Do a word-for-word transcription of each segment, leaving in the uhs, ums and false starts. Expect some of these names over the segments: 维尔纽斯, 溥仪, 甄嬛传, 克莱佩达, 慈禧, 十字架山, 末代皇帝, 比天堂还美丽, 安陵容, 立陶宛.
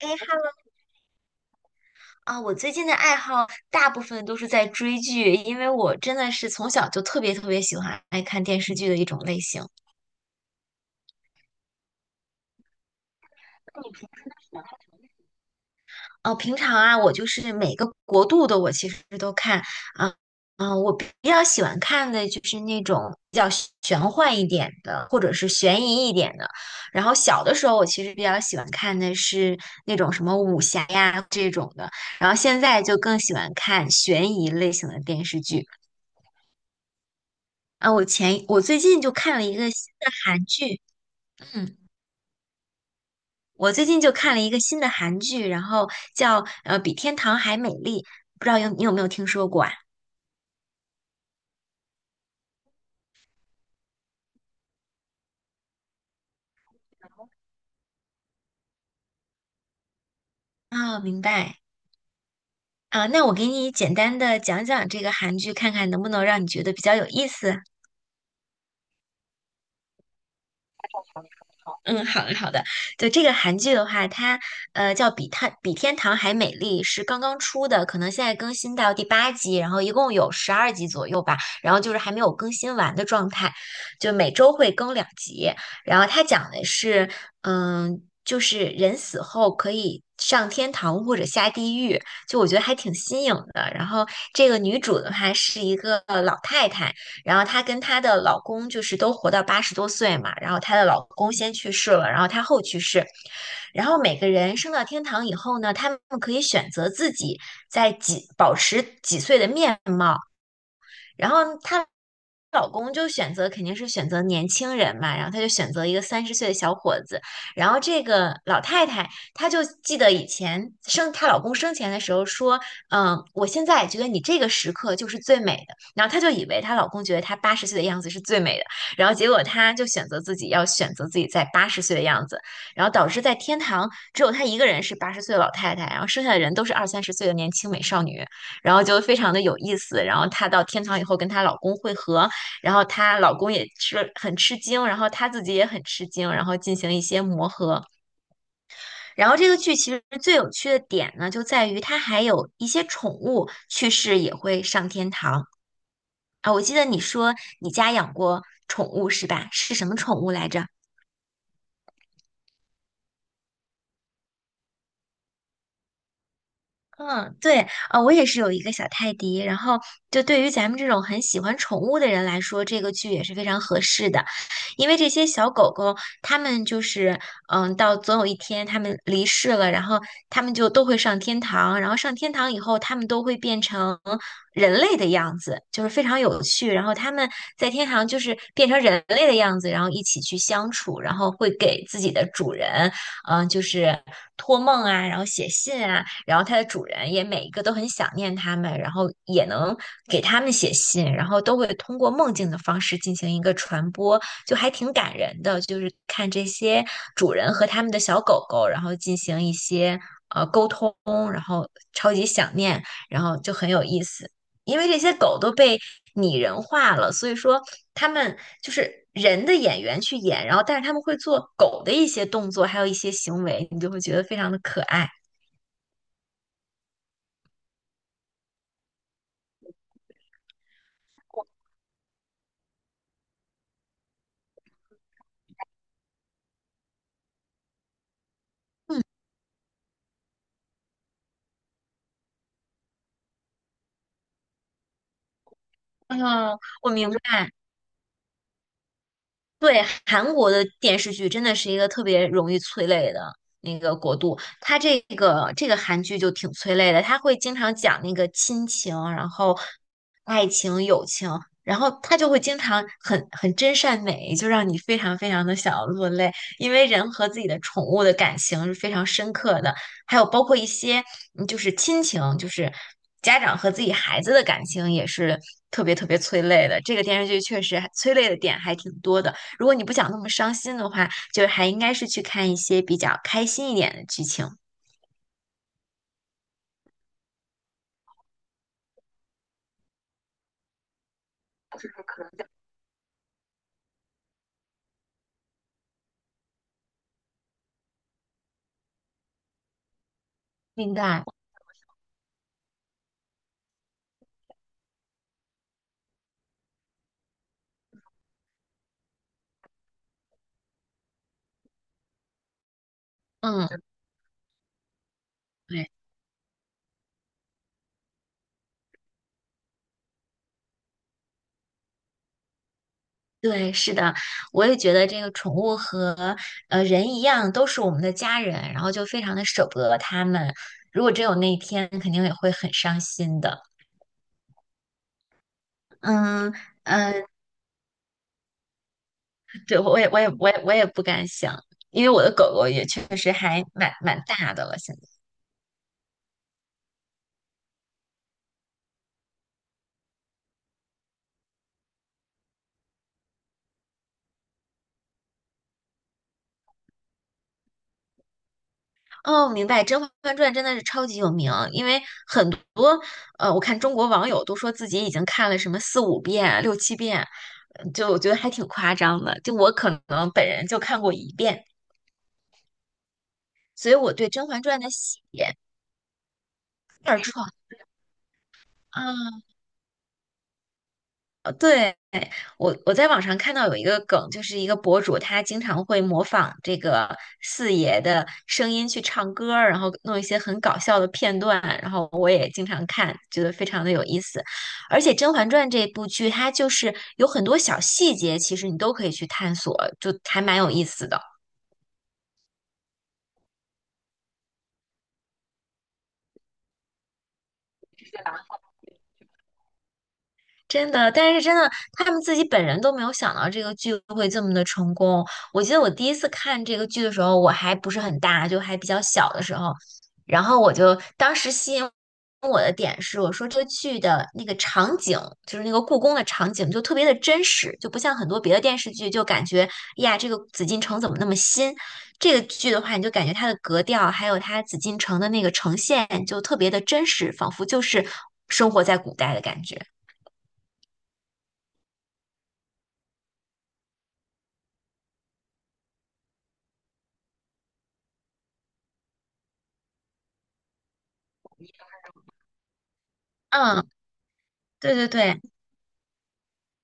哎哈啊，我最近的爱好大部分都是在追剧，因为我真的是从小就特别特别喜欢爱看电视剧的一种类型。哦，平常啊，我就是每个国度的我其实都看啊，嗯、我比较喜欢看的就是那种比较玄幻一点的，或者是悬疑一点的。然后小的时候，我其实比较喜欢看的是那种什么武侠呀这种的，然后现在就更喜欢看悬疑类型的电视剧。啊，我前我最近就看了一个新的韩剧，嗯，我最近就看了一个新的韩剧，然后叫呃《比天堂还美丽》，不知道有你有没有听说过啊？啊，明白啊，那我给你简单的讲讲这个韩剧，看看能不能让你觉得比较有意思。嗯，好的好的。就这个韩剧的话，它呃叫比它比天堂还美丽，是刚刚出的，可能现在更新到第八集，然后一共有十二集左右吧，然后就是还没有更新完的状态，就每周会更两集。然后它讲的是，嗯，就是人死后可以上天堂或者下地狱，就我觉得还挺新颖的。然后这个女主的话是一个老太太。然后她跟她的老公就是都活到八十多岁嘛，然后她的老公先去世了，然后她后去世，然后每个人升到天堂以后呢，他们可以选择自己在几保持几岁的面貌。然后她老公就选择肯定是选择年轻人嘛，然后她就选择一个三十岁的小伙子，然后这个老太太她就记得以前生她老公生前的时候说，嗯，我现在觉得你这个时刻就是最美的，然后她就以为她老公觉得她八十岁的样子是最美的，然后结果她就选择自己要选择自己在八十岁的样子，然后导致在天堂只有她一个人是八十岁的老太太，然后剩下的人都是二三十岁的年轻美少女。然后就非常的有意思。然后她到天堂以后跟她老公会合，然后她老公也吃很吃惊，然后她自己也很吃惊，然后进行一些磨合。然后这个剧其实最有趣的点呢，就在于它还有一些宠物去世也会上天堂啊。我记得你说你家养过宠物是吧？是什么宠物来着？嗯，对啊，我也是有一个小泰迪，然后就对于咱们这种很喜欢宠物的人来说，这个剧也是非常合适的，因为这些小狗狗，它们就是嗯，到总有一天它们离世了，然后它们就都会上天堂，然后上天堂以后，它们都会变成人类的样子，就是非常有趣，然后它们在天堂就是变成人类的样子，然后一起去相处，然后会给自己的主人。嗯，就是托梦啊，然后写信啊，然后它的主人也每一个都很想念它们，然后也能给它们写信，然后都会通过梦境的方式进行一个传播，就还挺感人的。就是看这些主人和他们的小狗狗，然后进行一些呃沟通，然后超级想念，然后就很有意思。因为这些狗都被拟人化了，所以说他们就是人的演员去演，然后但是他们会做狗的一些动作，还有一些行为，你就会觉得非常的可爱。嗯，我明白，对，韩国的电视剧真的是一个特别容易催泪的那个国度，它这个这个韩剧就挺催泪的，它会经常讲那个亲情，然后爱情、友情，然后它就会经常很很真善美，就让你非常非常的想要落泪，因为人和自己的宠物的感情是非常深刻的，还有包括一些嗯就是亲情，就是家长和自己孩子的感情也是特别特别催泪的，这个电视剧确实还催泪的点还挺多的。如果你不想那么伤心的话，就是还应该是去看一些比较开心一点的剧情。明白，嗯，对对，是的，我也觉得这个宠物和呃人一样，都是我们的家人，然后就非常的舍不得他们。如果真有那一天，肯定也会很伤心的。嗯嗯，呃对，我也我也我也我也不敢想，因为我的狗狗也确实还蛮蛮大的了，现在。哦，明白，《甄嬛传》真的是超级有名，因为很多呃，我看中国网友都说自己已经看了什么四五遍、六七遍，嗯就我觉得还挺夸张的。就我可能本人就看过一遍，所以我对《甄嬛传》的写二创啊，对。我我在网上看到有一个梗，就是一个博主，他经常会模仿这个四爷的声音去唱歌儿，然后弄一些很搞笑的片段，然后我也经常看，觉得非常的有意思。而且《甄嬛传》这部剧，它就是有很多小细节，其实你都可以去探索，就还蛮有意思的。真的，但是真的，他们自己本人都没有想到这个剧会这么的成功。我记得我第一次看这个剧的时候，我还不是很大，就还比较小的时候，然后我就当时吸引我的点是，我说这个剧的那个场景，就是那个故宫的场景，就特别的真实，就不像很多别的电视剧，就感觉呀，这个紫禁城怎么那么新？这个剧的话，你就感觉它的格调，还有它紫禁城的那个呈现，就特别的真实，仿佛就是生活在古代的感觉。嗯。对对对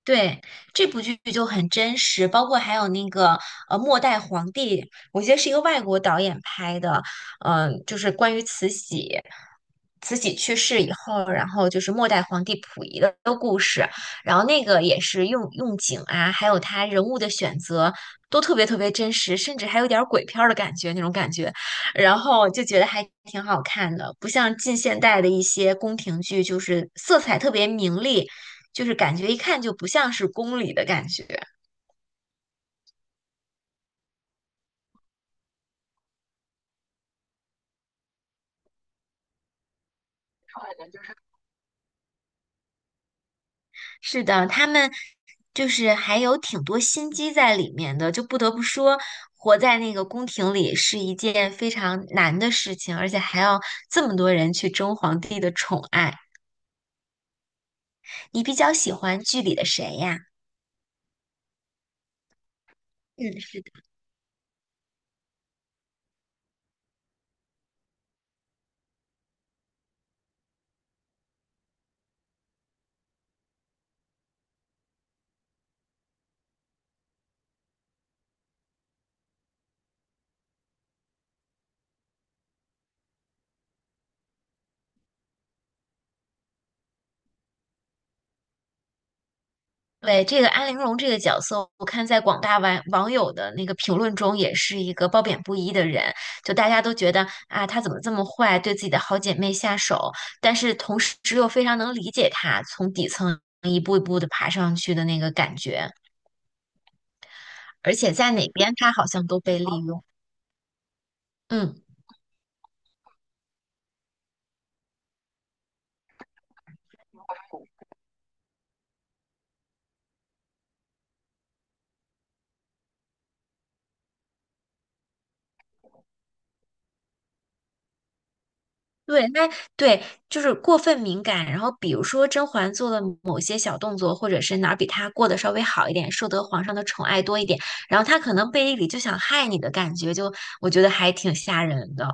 对，这部剧就很真实，包括还有那个呃《末代皇帝》，我记得是一个外国导演拍的，嗯、就是关于慈禧，慈禧去世以后，然后就是末代皇帝溥仪的故事，然后那个也是用用景啊，还有他人物的选择都特别特别真实，甚至还有点儿鬼片儿的感觉那种感觉，然后就觉得还挺好看的，不像近现代的一些宫廷剧，就是色彩特别明丽。就是感觉一看就不像是宫里的感觉。是的，他们就是还有挺多心机在里面的，就不得不说，活在那个宫廷里是一件非常难的事情，而且还要这么多人去争皇帝的宠爱。你比较喜欢剧里的谁呀？嗯，对，这个安陵容这个角色，我看在广大网网友的那个评论中，也是一个褒贬不一的人。就大家都觉得啊，她怎么这么坏，对自己的好姐妹下手，但是同时又非常能理解她从底层一步一步的爬上去的那个感觉，而且在哪边她好像都被利用。嗯。对，那对就是过分敏感。然后比如说甄嬛做的某些小动作，或者是哪儿比她过得稍微好一点，受得皇上的宠爱多一点，然后她可能背地里就想害你的感觉，就我觉得还挺吓人的。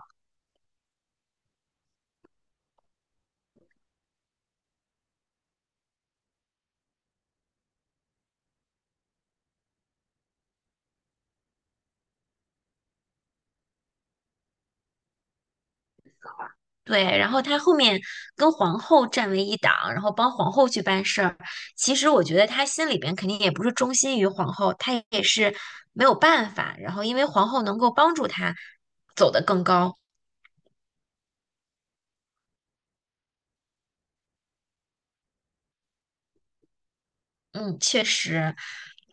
对，然后她后面跟皇后站为一党，然后帮皇后去办事儿。其实我觉得她心里边肯定也不是忠心于皇后，她也是没有办法。然后因为皇后能够帮助她走得更高。嗯，确实，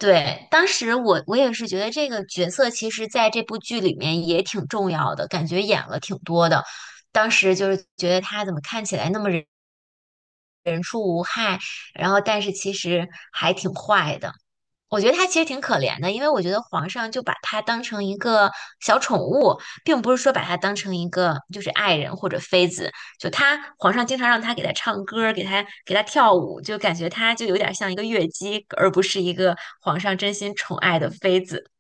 对，当时我我也是觉得这个角色其实在这部剧里面也挺重要的，感觉演了挺多的。当时就是觉得他怎么看起来那么人人畜无害，然后但是其实还挺坏的。我觉得他其实挺可怜的，因为我觉得皇上就把他当成一个小宠物，并不是说把他当成一个就是爱人或者妃子。就他皇上经常让他给他唱歌儿，给他给他跳舞，就感觉他就有点像一个乐姬，而不是一个皇上真心宠爱的妃子。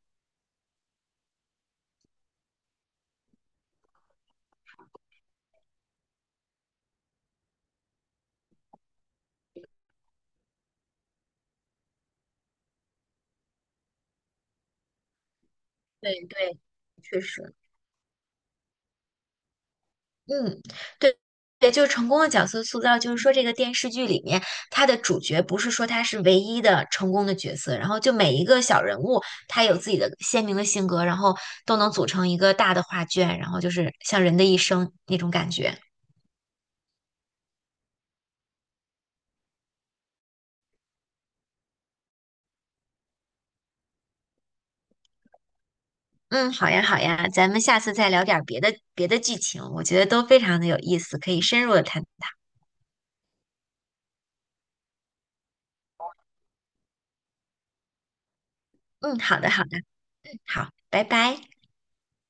对对，确实。嗯，对对，就是成功的角色塑造，就是说这个电视剧里面，他的主角不是说他是唯一的成功的角色，然后就每一个小人物，他有自己的鲜明的性格，然后都能组成一个大的画卷，然后就是像人的一生那种感觉。嗯，好呀好呀，咱们下次再聊点儿别的别的剧情，我觉得都非常的有意思，可以深入的探讨。嗯，好的好的，好，拜拜。